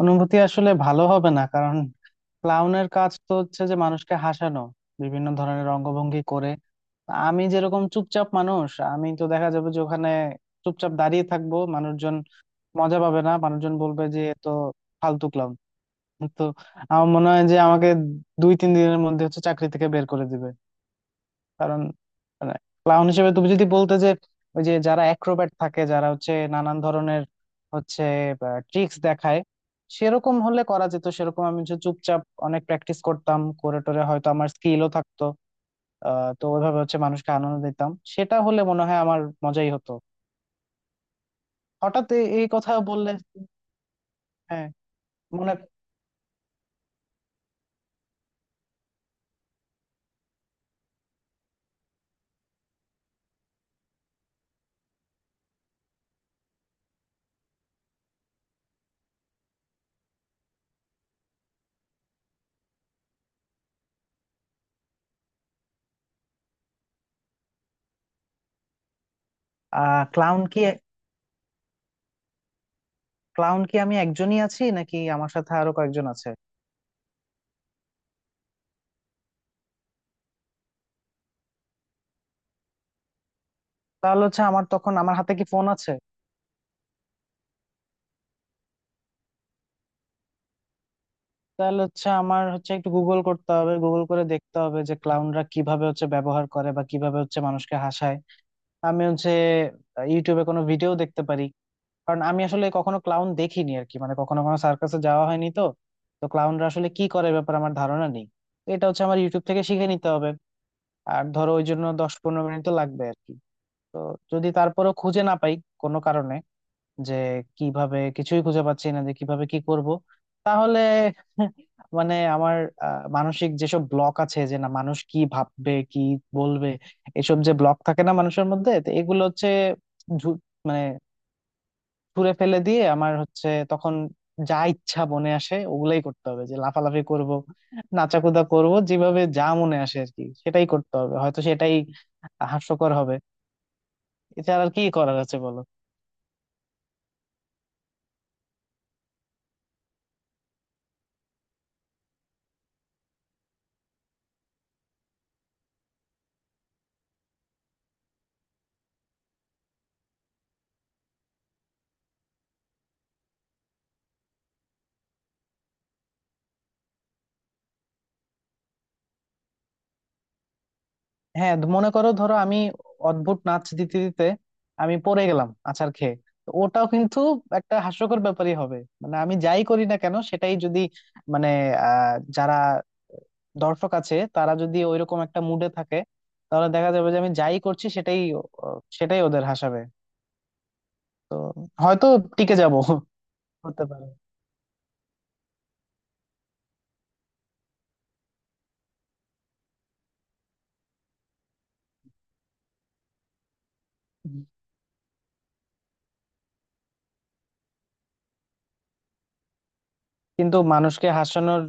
অনুভূতি আসলে ভালো হবে না, কারণ ক্লাউনের কাজ তো হচ্ছে যে মানুষকে হাসানো, বিভিন্ন ধরনের অঙ্গভঙ্গি করে। আমি যেরকম চুপচাপ মানুষ, আমি তো দেখা যাবে যে ওখানে চুপচাপ দাঁড়িয়ে থাকবো। মানুষজন মজা পাবে না, মানুষজন বলবে যে এ তো ফালতু ক্লাউন। তো আমার মনে হয় যে আমাকে 2-3 দিনের মধ্যে হচ্ছে চাকরি থেকে বের করে দিবে। কারণ মানে ক্লাউন হিসেবে তুমি যদি বলতে যে ওই যে যারা অ্যাক্রোব্যাট থাকে, যারা হচ্ছে নানান ধরনের হচ্ছে ট্রিক্স দেখায়, সেরকম হলে করা যেত। সেরকম আমি হচ্ছে চুপচাপ অনেক প্র্যাকটিস করতাম, করে টোরে হয়তো আমার স্কিলও থাকতো। তো ওইভাবে হচ্ছে মানুষকে আনন্দ দিতাম, সেটা হলে মনে হয় আমার মজাই হতো। হঠাৎ এই কথা বললে। হ্যাঁ, মনে। ক্লাউন কি, ক্লাউন কি আমি একজনই আছি নাকি আমার সাথে আরো কয়েকজন আছে? তাহলে হচ্ছে আমার তখন আমার হাতে কি ফোন আছে? তাহলে হচ্ছে আমার হচ্ছে একটু গুগল করতে হবে, গুগল করে দেখতে হবে যে ক্লাউনরা কিভাবে হচ্ছে ব্যবহার করে বা কিভাবে হচ্ছে মানুষকে হাসায়। আমি হচ্ছে ইউটিউবে কোনো ভিডিও দেখতে পারি, কারণ আমি আসলে কখনো ক্লাউন দেখিনি আর কি। মানে কখনো কখনো সার্কাসে যাওয়া হয়নি তো। তো ক্লাউনরা আসলে কি করে, এ ব্যাপারে আমার ধারণা নেই। তো এটা হচ্ছে আমার ইউটিউব থেকে শিখে নিতে হবে। আর ধরো ওই জন্য 10-15 মিনিট তো লাগবে আর কি। তো যদি তারপরেও খুঁজে না পাই কোনো কারণে যে কিভাবে, কিছুই খুঁজে পাচ্ছি না যে কিভাবে কি করব, তাহলে মানে আমার মানসিক যেসব ব্লক আছে যে না মানুষ কি ভাববে, কি বলবে, এসব যে ব্লক থাকে না মানুষের মধ্যে, তো এগুলো হচ্ছে ঝু- মানে ছুঁড়ে ফেলে দিয়ে আমার হচ্ছে তখন যা ইচ্ছা মনে আসে ওগুলাই করতে হবে, যে লাফালাফি করব, নাচাকুদা করব, যেভাবে যা মনে আসে আর কি সেটাই করতে হবে। হয়তো সেটাই হাস্যকর হবে। এছাড়া আর কি করার আছে বলো? হ্যাঁ, মনে করো, ধরো আমি অদ্ভুত নাচ দিতে দিতে আমি পড়ে গেলাম আছাড় খেয়ে, তো ওটাও কিন্তু একটা হাস্যকর ব্যাপারই হবে। মানে আমি যাই করি না কেন, সেটাই যদি মানে যারা দর্শক আছে তারা যদি ওইরকম একটা মুডে থাকে, তাহলে দেখা যাবে যে আমি যাই করছি সেটাই ওদের হাসাবে। তো হয়তো টিকে যাব, হতে পারে। কিন্তু মানুষকে হাসানোর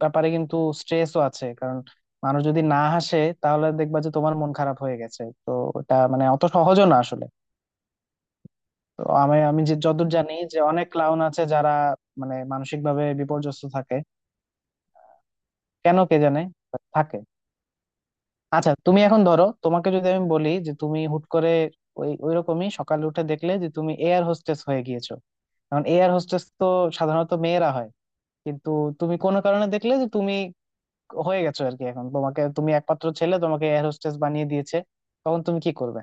ব্যাপারে কিন্তু স্ট্রেসও আছে, কারণ মানুষ যদি না হাসে তাহলে দেখবা যে তোমার মন খারাপ হয়ে গেছে। তো এটা মানে অত সহজও না আসলে। তো আমি আমি যে যতদূর জানি যে অনেক ক্লাউন আছে যারা মানে মানসিক ভাবে বিপর্যস্ত থাকে। কেন কে জানে, থাকে। আচ্ছা তুমি এখন ধরো, তোমাকে যদি আমি বলি যে তুমি হুট করে ওই ওইরকমই সকালে উঠে দেখলে যে তুমি এয়ার হোস্টেস হয়ে গিয়েছো। কারণ এয়ার হোস্টেস তো সাধারণত মেয়েরা হয়, কিন্তু তুমি কোনো কারণে দেখলে যে তুমি হয়ে গেছো আর কি। এখন তোমাকে, তুমি একমাত্র ছেলে, তোমাকে এয়ার হোস্টেস বানিয়ে দিয়েছে। তখন তুমি কি করবে?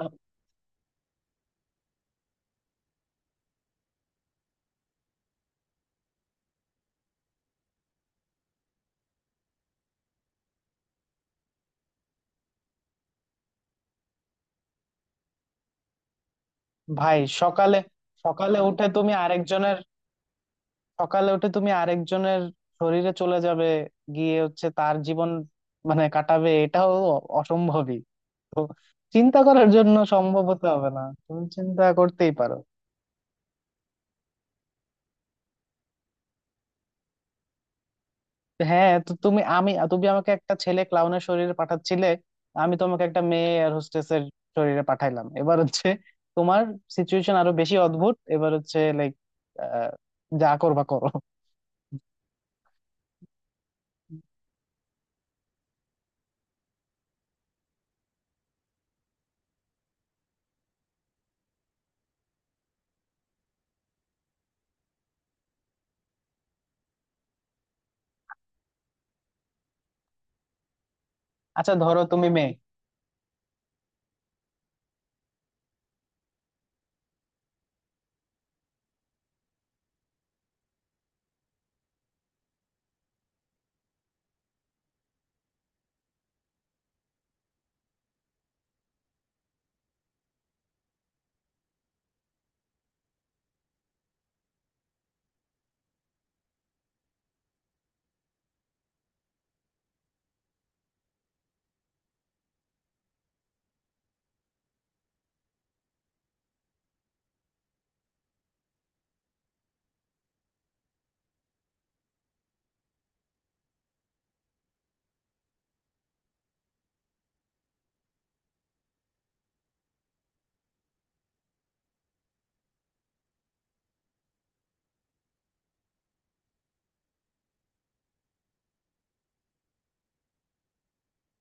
আহ, ভাই, সকালে সকালে উঠে তুমি আরেকজনের, সকালে উঠে তুমি আরেকজনের শরীরে চলে যাবে, গিয়ে হচ্ছে তার জীবন মানে কাটাবে, এটাও অসম্ভবই। তো চিন্তা করার জন্য সম্ভব হতে হবে না, তুমি চিন্তা করতেই পারো। হ্যাঁ, তো তুমি আমাকে একটা ছেলে ক্লাউনের শরীরে পাঠাচ্ছিলে, আমি তোমাকে একটা মেয়ে এয়ার হোস্টেসের শরীরে পাঠাইলাম। এবার হচ্ছে তোমার সিচুয়েশন আরো বেশি অদ্ভুত। এবার হচ্ছে লাইক যা করবা করো। আচ্ছা, ধরো তুমি মেয়ে।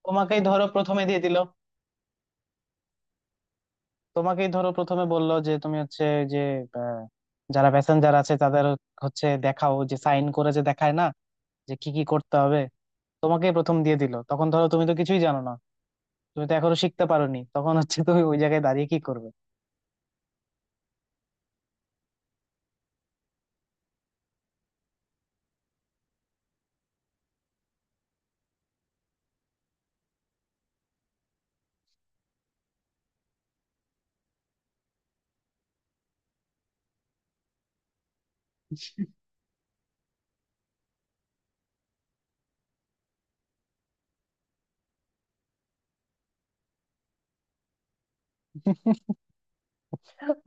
তোমাকেই ধরো প্রথমে দিয়ে দিল, তোমাকেই ধরো প্রথমে বললো যে তুমি হচ্ছে যে আহ, যারা প্যাসেঞ্জার আছে তাদের হচ্ছে দেখাও, যে সাইন করে যে দেখায় না যে কি কি করতে হবে, তোমাকেই প্রথম দিয়ে দিল। তখন ধরো তুমি তো কিছুই জানো না, তুমি তো এখনো শিখতে পারোনি, তখন হচ্ছে তুমি ওই জায়গায়।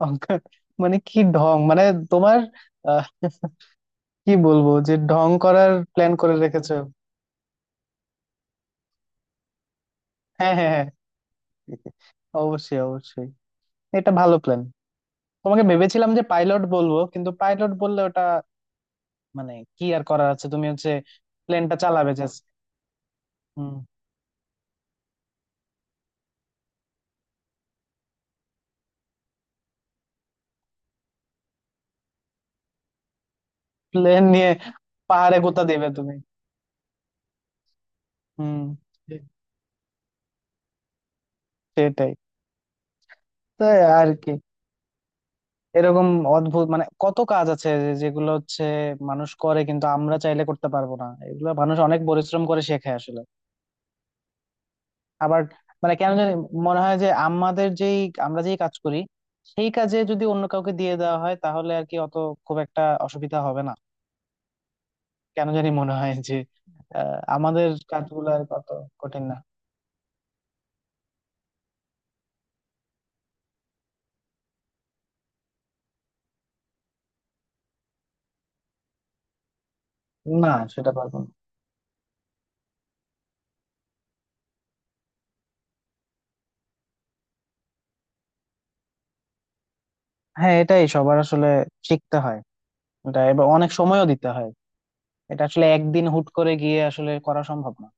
অঙ্ক মানে কি ঢং, মানে তোমার আহ, কি বলবো যে ঢং করার প্ল্যান করে রেখেছো? হ্যাঁ হ্যাঁ হ্যাঁ, অবশ্যই অবশ্যই, এটা ভালো প্ল্যান। তোমাকে ভেবেছিলাম যে পাইলট বলবো, কিন্তু পাইলট বললে ওটা মানে কি আর করার আছে, তুমি হচ্ছে প্লেনটা চালাবে জাস্ট। হুম। প্লেন নিয়ে পাহাড়ে গোতা দেবে তুমি। হুম, সে- সেটাই। তো আর কি, এরকম অদ্ভুত মানে কত কাজ আছে যেগুলো হচ্ছে মানুষ করে, কিন্তু আমরা চাইলে করতে পারবো না, এগুলো মানুষ অনেক পরিশ্রম করে শেখে আসলে। আবার মানে কেন জানি মনে হয় যে আমাদের যেই আমরা যেই কাজ করি সেই কাজে যদি অন্য কাউকে দিয়ে দেওয়া হয়, তাহলে আর কি অত, খুব একটা অসুবিধা হবে না। কেন জানি মনে হয় যে আমাদের কাজগুলো আর কত কঠিন না। না, সেটা পারবো না। হ্যাঁ, এটাই সবার আসলে শিখতে হয়, এটা এবার অনেক সময়ও দিতে হয়। এটা আসলে একদিন হুট করে গিয়ে আসলে করা সম্ভব না।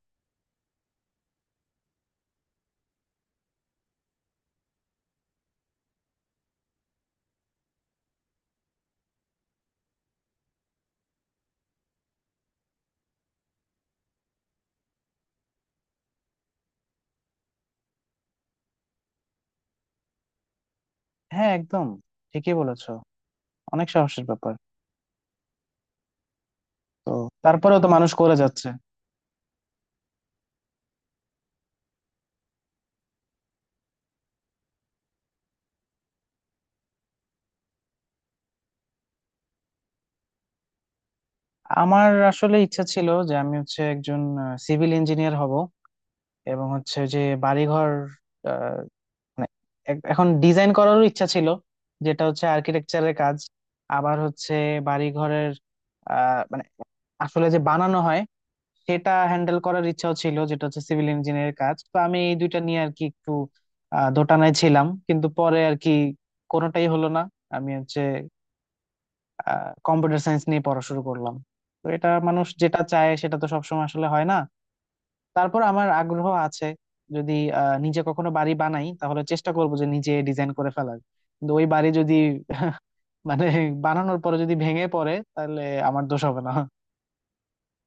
হ্যাঁ, একদম ঠিকই বলেছো, অনেক সাহসের ব্যাপার। তো তারপরেও তো মানুষ করে যাচ্ছে। আমার আসলে ইচ্ছা ছিল যে আমি হচ্ছে একজন সিভিল ইঞ্জিনিয়ার হব, এবং হচ্ছে যে বাড়িঘর আহ, মানে এখন ডিজাইন করারও ইচ্ছা ছিল, যেটা হচ্ছে আর্কিটেকচারের কাজ। আবার হচ্ছে বাড়িঘরের মানে আসলে যে বানানো হয় সেটা হ্যান্ডেল করার ইচ্ছাও ছিল, যেটা হচ্ছে সিভিল ইঞ্জিনিয়ারের কাজ। তো আমি এই দুইটা নিয়ে আর কি একটু দোটানায় ছিলাম, কিন্তু পরে আর কি কোনোটাই হলো না। আমি হচ্ছে কম্পিউটার সায়েন্স নিয়ে পড়া শুরু করলাম। তো এটা মানুষ যেটা চায় সেটা তো সবসময় আসলে হয় না। তারপর আমার আগ্রহ আছে, যদি নিজে কখনো বাড়ি বানাই তাহলে চেষ্টা করবো যে নিজে ডিজাইন করে ফেলার। কিন্তু ওই বাড়ি যদি মানে বানানোর পরে যদি ভেঙে পড়ে, তাহলে আমার দোষ হবে না।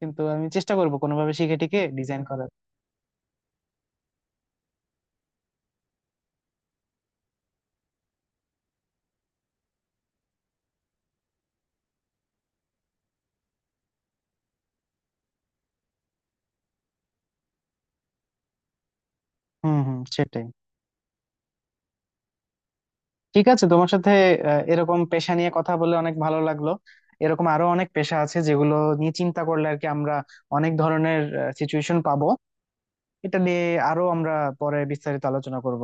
কিন্তু আমি চেষ্টা করবো কোনোভাবে শিখে টিকে ডিজাইন করার। হুম হুম, সেটাই। ঠিক আছে, তোমার সাথে এরকম পেশা নিয়ে কথা বলে অনেক ভালো লাগলো। এরকম আরো অনেক পেশা আছে যেগুলো নিয়ে চিন্তা করলে আর কি আমরা অনেক ধরনের সিচুয়েশন পাবো। এটা নিয়ে আরো আমরা পরে বিস্তারিত আলোচনা করব।